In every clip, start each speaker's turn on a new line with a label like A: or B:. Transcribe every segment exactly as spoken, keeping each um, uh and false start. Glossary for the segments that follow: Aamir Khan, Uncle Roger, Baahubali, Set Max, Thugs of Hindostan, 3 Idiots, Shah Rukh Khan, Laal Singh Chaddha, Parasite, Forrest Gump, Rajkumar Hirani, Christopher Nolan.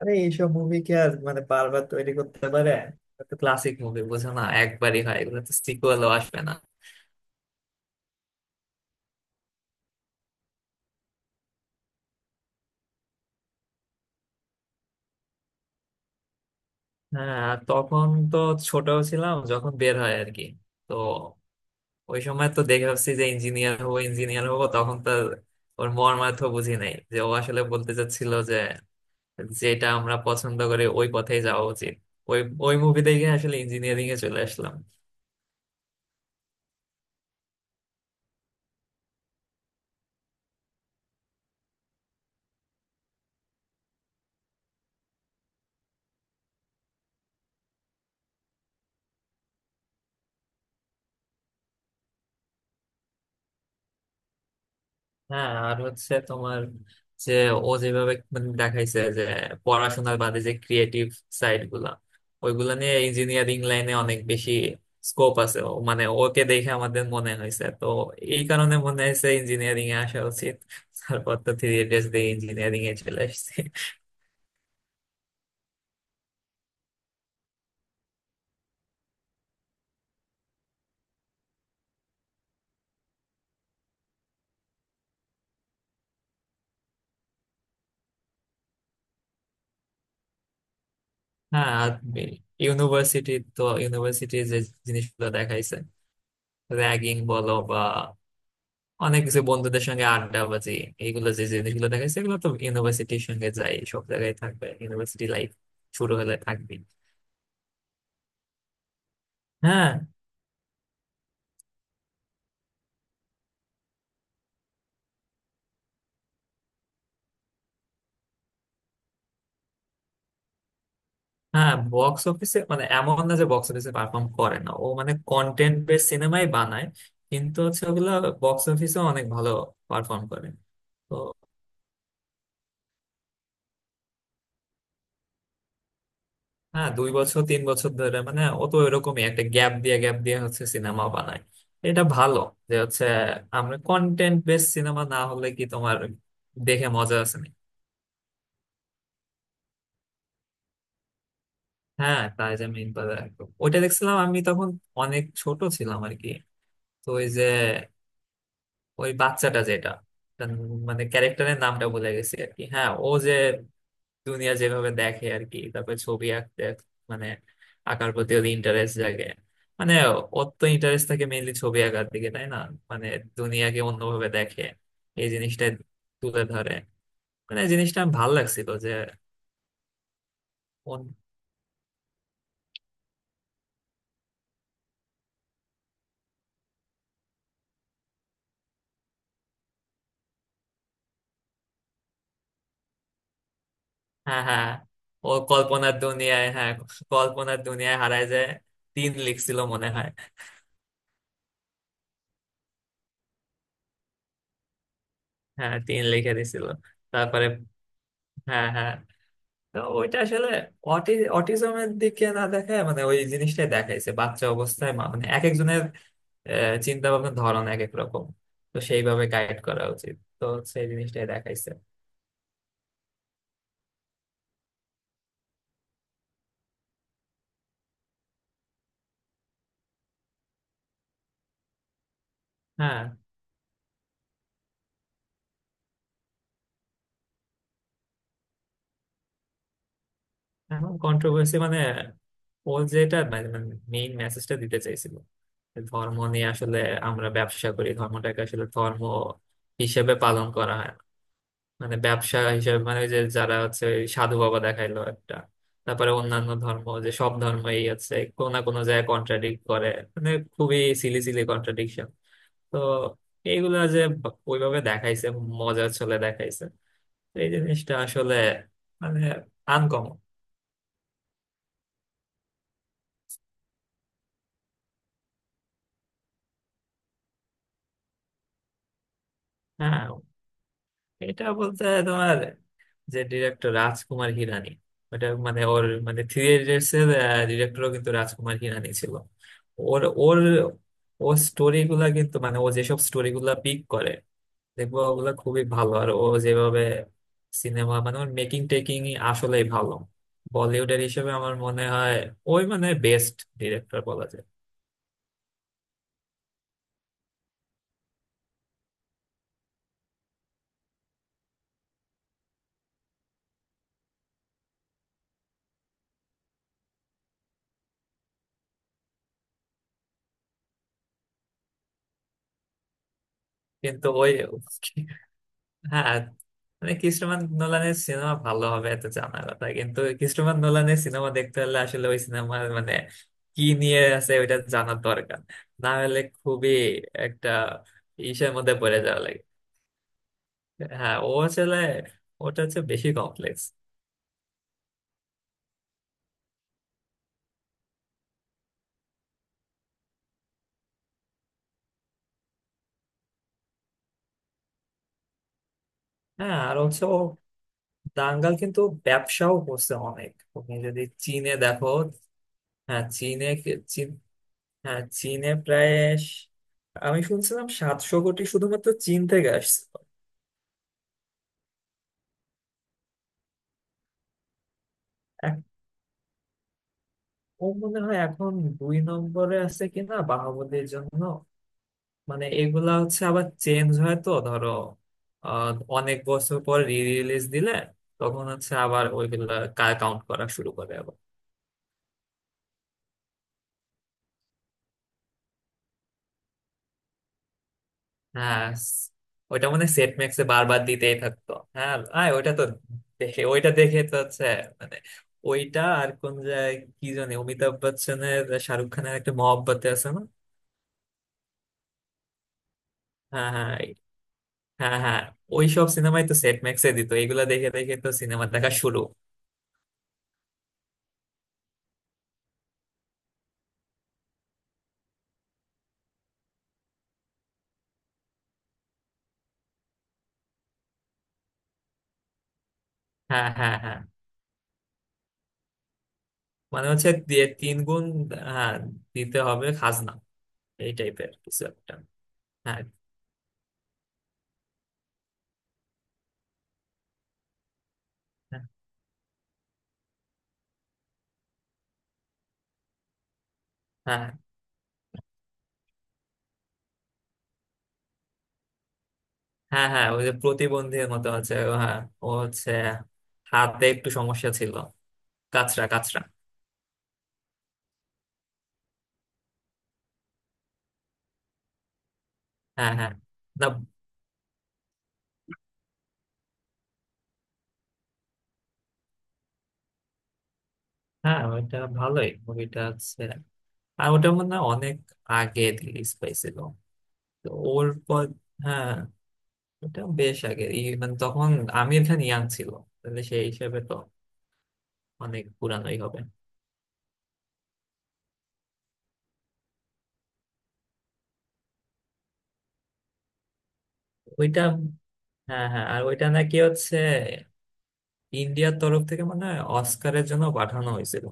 A: আরে এইসব মুভি কি আর মানে বারবার তৈরি করতে পারে? এটা তো ক্লাসিক মুভি, বুঝো না? একবারই হয়, এগুলো তো সিকুয়েলও আসবে না। হ্যাঁ, আর তখন তো ছোট ছিলাম যখন বের হয় আর কি। তো ওই সময় তো দেখে ভাবছি যে ইঞ্জিনিয়ার হবো, ইঞ্জিনিয়ার হবো। তখন তো ওর মর্মার্থ বুঝি নাই যে ও আসলে বলতে চাচ্ছিল যে যেটা আমরা পছন্দ করি ওই পথেই যাওয়া উচিত। ওই ওই মুভি দেখে আসলে ইঞ্জিনিয়ারিং এ চলে আসলাম। হ্যাঁ, আর হচ্ছে তোমার যে ও যেভাবে মানে দেখাইছে যে পড়াশোনার বাদে যে ক্রিয়েটিভ সাইড গুলা, ওইগুলা নিয়ে ইঞ্জিনিয়ারিং লাইনে অনেক বেশি স্কোপ আছে। ও মানে ওকে দেখে আমাদের মনে হয়েছে তো, এই কারণে মনে হয়েছে ইঞ্জিনিয়ারিং এ আসা উচিত। তারপর তো থ্রি ইয়ার্স দিয়ে ইঞ্জিনিয়ারিং এ চলে আসছে। হ্যাঁ, আর ইউনিভার্সিটি তো ইউনিভার্সিটির যে জিনিসগুলো দেখাইছে, র্যাগিং বলো বা অনেক কিছু বন্ধুদের সঙ্গে আড্ডাবাজি, এইগুলো যে জিনিসগুলো দেখাচ্ছে এগুলো তো ইউনিভার্সিটির সঙ্গে যাই সব জায়গায় থাকবে, ইউনিভার্সিটি লাইফ শুরু হলে থাকবে। হ্যাঁ হ্যাঁ, বক্স অফিসে মানে এমন না যে বক্স অফিসে পারফর্ম করে না, ও মানে কন্টেন্ট বেস সিনেমাই বানায়, কিন্তু হচ্ছে ওগুলো বক্স অফিসে অনেক ভালো পারফর্ম করে। তো হ্যাঁ, দুই বছর তিন বছর ধরে মানে ও তো এরকমই একটা গ্যাপ দিয়ে গ্যাপ দিয়ে হচ্ছে সিনেমা বানায়। এটা ভালো যে হচ্ছে আমরা কন্টেন্ট বেস সিনেমা না হলে কি তোমার দেখে মজা আছে? হ্যাঁ, টার্জান মিন বাজার একদম। ওইটা দেখছিলাম আমি তখন অনেক ছোট ছিলাম আর কি। তো ওই যে ওই বাচ্চাটা যেটা তার মানে ক্যারেক্টারের নামটা ভুলে গেছি আর কি। হ্যাঁ, ও যে দুনিয়া যেভাবে দেখে আর কি, তারপরে ছবি আঁকতে আঁক- মানে আঁকার প্রতি ওর ইন্টারেস্ট জাগে। মানে ওর তো ইন্টারেস্ট থাকে মেইনলি ছবি আঁকার দিকে, তাই না? মানে দুনিয়াকে অন্যভাবে দেখে এই জিনিসটা তুলে ধরে। মানে এই জিনিসটা আমার ভালো লাগছিল যে হ্যাঁ হ্যাঁ। ও কল্পনার দুনিয়ায়, হ্যাঁ, কল্পনার দুনিয়ায় হারায় যায়। তিন লিখছিল মনে হয়। হ্যাঁ, তিন লিখে দিছিল। তারপরে হ্যাঁ হ্যাঁ, তো ওইটা আসলে অটি অটিজমের দিকে না দেখায় মানে ওই জিনিসটাই দেখাইছে বাচ্চা অবস্থায় মা- মানে এক একজনের চিন্তা ভাবনার ধরন এক এক রকম। তো সেইভাবে গাইড করা উচিত, তো সেই জিনিসটাই দেখাইছে। হ্যাঁ, এখন কন্ট্রোভার্সি মানে ও যেটা মানে মেইন মেসেজটা দিতে চাইছিল ধর্ম নিয়ে, আসলে আমরা ব্যবসা করি ধর্মটাকে, আসলে ধর্ম হিসেবে পালন করা হয় না। মানে ব্যবসা হিসেবে, মানে ওই যে যারা হচ্ছে ওই সাধু বাবা দেখাইলো একটা, তারপরে অন্যান্য ধর্ম, যে সব ধর্মই আছে কোনো না কোনো জায়গায় কন্ট্রাডিক্ট করে, মানে খুবই সিলি সিলি কন্ট্রাডিকশন। তো এইগুলা যে ওইভাবে দেখাইছে, মজার ছলে দেখাইছে। এই জিনিসটা আসলে মানে আনকমন। হ্যাঁ, এটা বলতে তোমার যে ডিরেক্টর রাজকুমার হিরানি, ওটা মানে ওর মানে থ্রি ইডিয়টস এর ডিরেক্টরও কিন্তু রাজকুমার হিরানি ছিল। ওর ওর ও স্টোরি গুলা কিন্তু, মানে ও যেসব স্টোরি গুলা পিক করে দেখবো ওগুলা খুবই ভালো, আর ও যেভাবে সিনেমা মানে ওর মেকিং টেকিং আসলেই ভালো। বলিউডের হিসেবে আমার মনে হয় ওই মানে বেস্ট ডিরেক্টর বলা যায়। কিন্তু ওই হ্যাঁ, মানে ক্রিস্টোফার নোলানের সিনেমা ভালো হবে এত জানা কথা, কিন্তু ক্রিস্টোফার নোলানের সিনেমা দেখতে হলে আসলে ওই সিনেমার মানে কি নিয়ে আছে ওইটা জানার দরকার, না হলে খুবই একটা ইসের মধ্যে পড়ে যাওয়া লাগে। হ্যাঁ, ও আসলে ওটা হচ্ছে বেশি কমপ্লেক্স। হ্যাঁ আর হচ্ছে ও দাঙ্গাল কিন্তু ব্যবসাও করছে অনেক, তুমি যদি চীনে দেখো। হ্যাঁ, চীনে কি- চীন, হ্যাঁ চীনে প্রায় স- আমি শুনছিলাম সাতশো কোটি শুধুমাত্র চীন থেকে আসছে। ও মনে হয় এখন দুই নম্বরে আছে কিনা বাহুবলীর জন্য। মানে এগুলা হচ্ছে আবার চেঞ্জ হয় তো ধরো, আহ, অনেক বছর পর রি রিলিজ দিলে তখন হচ্ছে আবার ওইগুলা কাউন্ট করা শুরু করে আবার। হ্যাঁ স- ওইটা মানে সেট ম্যাক্সে বারবার দিতেই থাকতো। হ্যাঁ আয়, ওইটা তো দেখে ওইটা দেখে তো হচ্ছে, মানে ওইটা আর কোন জায়গায় কি জানি, অমিতাভ বচ্চনের শাহরুখ খানের একটা মহব্বতে আছে না? হ্যাঁ হ্যাঁ হ্যাঁ। হ্যাঁ হ্যাঁ। ওইসব সিনেমাই তো সেট ম্যাক্সে দিত, এগুলা দেখে দেখে তো সিনেমা দেখা শুরু। হ্যাঁ হ্যাঁ হ্যাঁ, মানে হচ্ছে দিয়ে তিন গুণ। হ্যাঁ, দিতে হবে খাজনা, এই টাইপের কিছু একটা। হ্যাঁ হ্যাঁ হ্যাঁ। হ্যাঁ হ্যাঁ, ওই যে প্রতিবন্ধীর মতো হচ্ছে, হ্যাঁ ও হচ্ছে হাতে একটু সমস্যা ছিল। কাঁচরা কাঁচরা। হ্যাঁ হ্যাঁ। না, হ্যাঁ ওইটা ভালোই মুভিটা হচ্ছে। আর ওটা মনে হয় অনেক আগে রিলিজ পাইছিল। তো ওর পর, হ্যাঁ এটা বেশ আগের, এই মানে তখন আমির খান ইয়াং ছিল, তাহলে সেই হিসেবে তো অনেক পুরানোই হবে। ওইটা হ্যাঁ হ্যাঁ, আর ওইটা নাকি হচ্ছে ইন্ডিয়ার তরফ থেকে মানে অস্কারের জন্য পাঠানো হয়েছিল।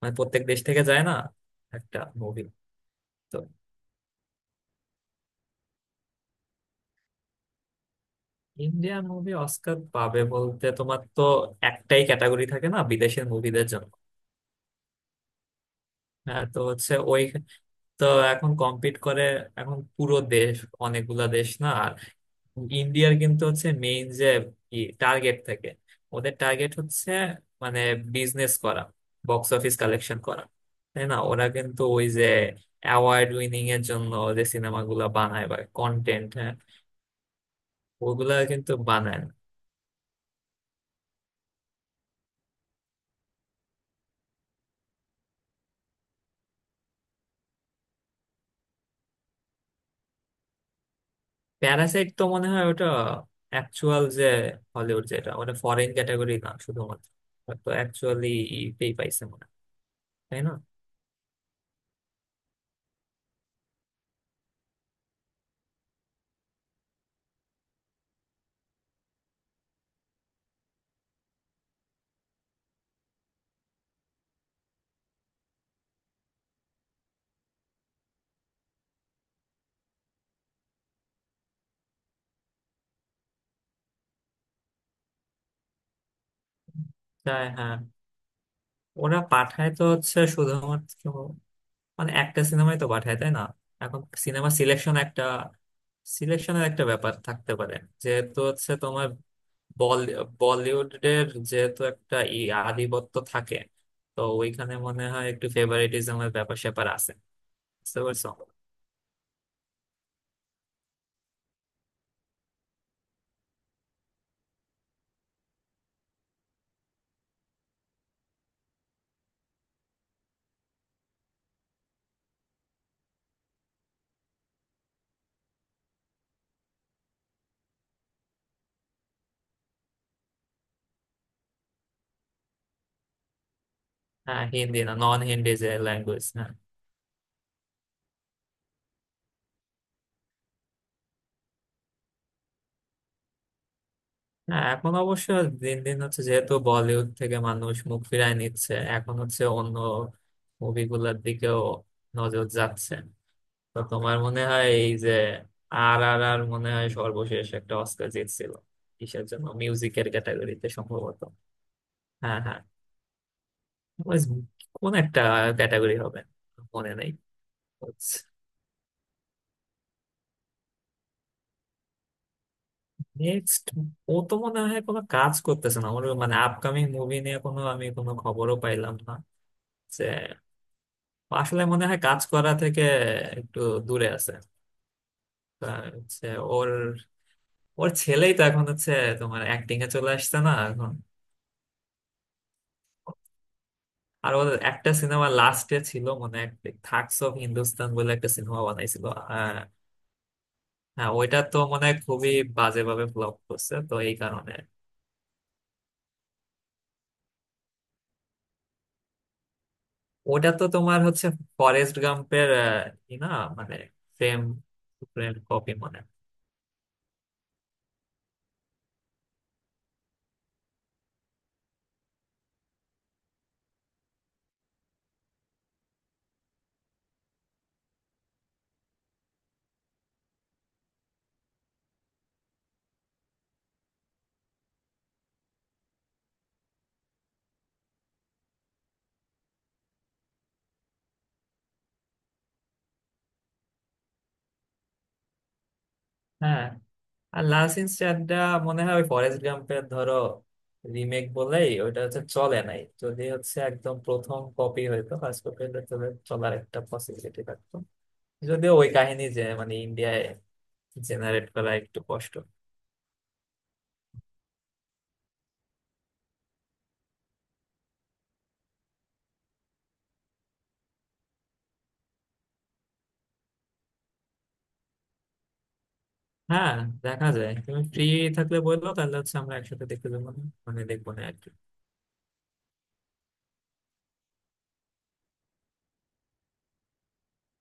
A: মানে প্রত্যেক দেশ থেকে যায় না একটা মুভি। তো ইন্ডিয়ান মুভি অস্কার পাবে বলতে তোমার তো একটাই ক্যাটাগরি থাকে না বিদেশের মুভিদের জন্য? হ্যাঁ, তো হচ্ছে ওই, তো এখন কম্পিট করে এখন পুরো দেশ, অনেকগুলা দেশ না? ইন্ডিয়ার কিন্তু হচ্ছে মেইন যে কি টার্গেট থাকে, ওদের টার্গেট হচ্ছে মানে বিজনেস করা, বক্স অফিস কালেকশন করা, তাই না? ওরা কিন্তু ওই যে অ্যাওয়ার্ড উইনিং এর জন্য যে সিনেমাগুলো বানায় বা কন্টেন্ট, হ্যাঁ ওগুলা কিন্তু বানায় না। প্যারাসাইট তো মনে হয় ওটা অ্যাকচুয়াল যে হলিউড, যেটা ওটা ফরেন ক্যাটাগরি না শুধুমাত্র, ওটা তো অ্যাকচুয়ালি ইতেই পাইছে মনে হয়, তাই না? তাই হ্যাঁ, ওরা পাঠায় তো হচ্ছে শুধুমাত্র মানে একটা সিনেমাই তো পাঠায়, তাই না? এখন সিনেমা সিলেকশন একটা, সিলেকশনের একটা ব্যাপার থাকতে পারে, যেহেতু হচ্ছে তোমার বলি- বলিউডের যেহেতু একটা ই আধিপত্য থাকে, তো ওইখানে মনে হয় একটু ফেভারিটিজমের ব্যাপার স্যাপার আছে। বুঝতে পারছো? হ্যাঁ হিন্দি না, নন হিন্দি যে ল্যাঙ্গুয়েজ, হ্যাঁ। হ্যাঁ এখন অবশ্য দিন দিন হচ্ছে, যেহেতু বলিউড থেকে মানুষ মুখ ফিরায় নিচ্ছে, এখন হচ্ছে অন্য মুভিগুলোর দিকেও নজর যাচ্ছে। তো তোমার মনে হয় এই যে আর আর আর মনে হয় সর্বশেষ একটা অস্কার জিতছিল, কিসের জন্য, মিউজিকের ক্যাটাগরিতে সম্ভবত। হ্যাঁ হ্যাঁ, ওই কোন একটা ক্যাটাগরি হবে, মনে নেই। নেক্সট ও তো মনে হয় কোনো কাজ করতেছে না। ওর মানে আপকামিং মুভি নিয়ে কোনো আমি কোনো খবরও পাইলাম না যে। ও আসলে মনে হয় কাজ করা থেকে একটু দূরে আছে। তা হচ্ছে ওর, ওর ছেলেই তো এখন হচ্ছে তোমার অ্যাক্টিং এ চলে আসছে না এখন, আর ওদের একটা সিনেমা লাস্টে ছিল মনে হয়, থাগস অফ হিন্দুস্তান বলে একটা সিনেমা বানাইছিল। আহ, হ্যাঁ ওইটা তো মনে হয় খুবই বাজে ভাবে ফ্লপ করছে, তো এই কারণে। ওটা তো তোমার হচ্ছে ফরেস্ট গাম্পের কি না, মানে ফ্রেম ফ্রেম কপি মনে হয়। হ্যাঁ, আর লালসিং চাড্ডা মনে হয় ওই ফরেস্ট গাম্পের ধরো রিমেক বলেই ওইটা হচ্ছে চলে নাই, যদি হচ্ছে একদম প্রথম কপি হইতো, ফার্স্ট কপি হলে তাহলে চলার একটা পসিবিলিটি থাকতো। যদিও ওই কাহিনী যে মানে ইন্ডিয়ায় জেনারেট করা একটু কষ্ট। হ্যাঁ, দেখা যায় তুমি ফ্রি থাকলে বললো, তাহলে হচ্ছে আমরা একসাথে দেখতে যাবো না, মানে দেখবো না আর কি।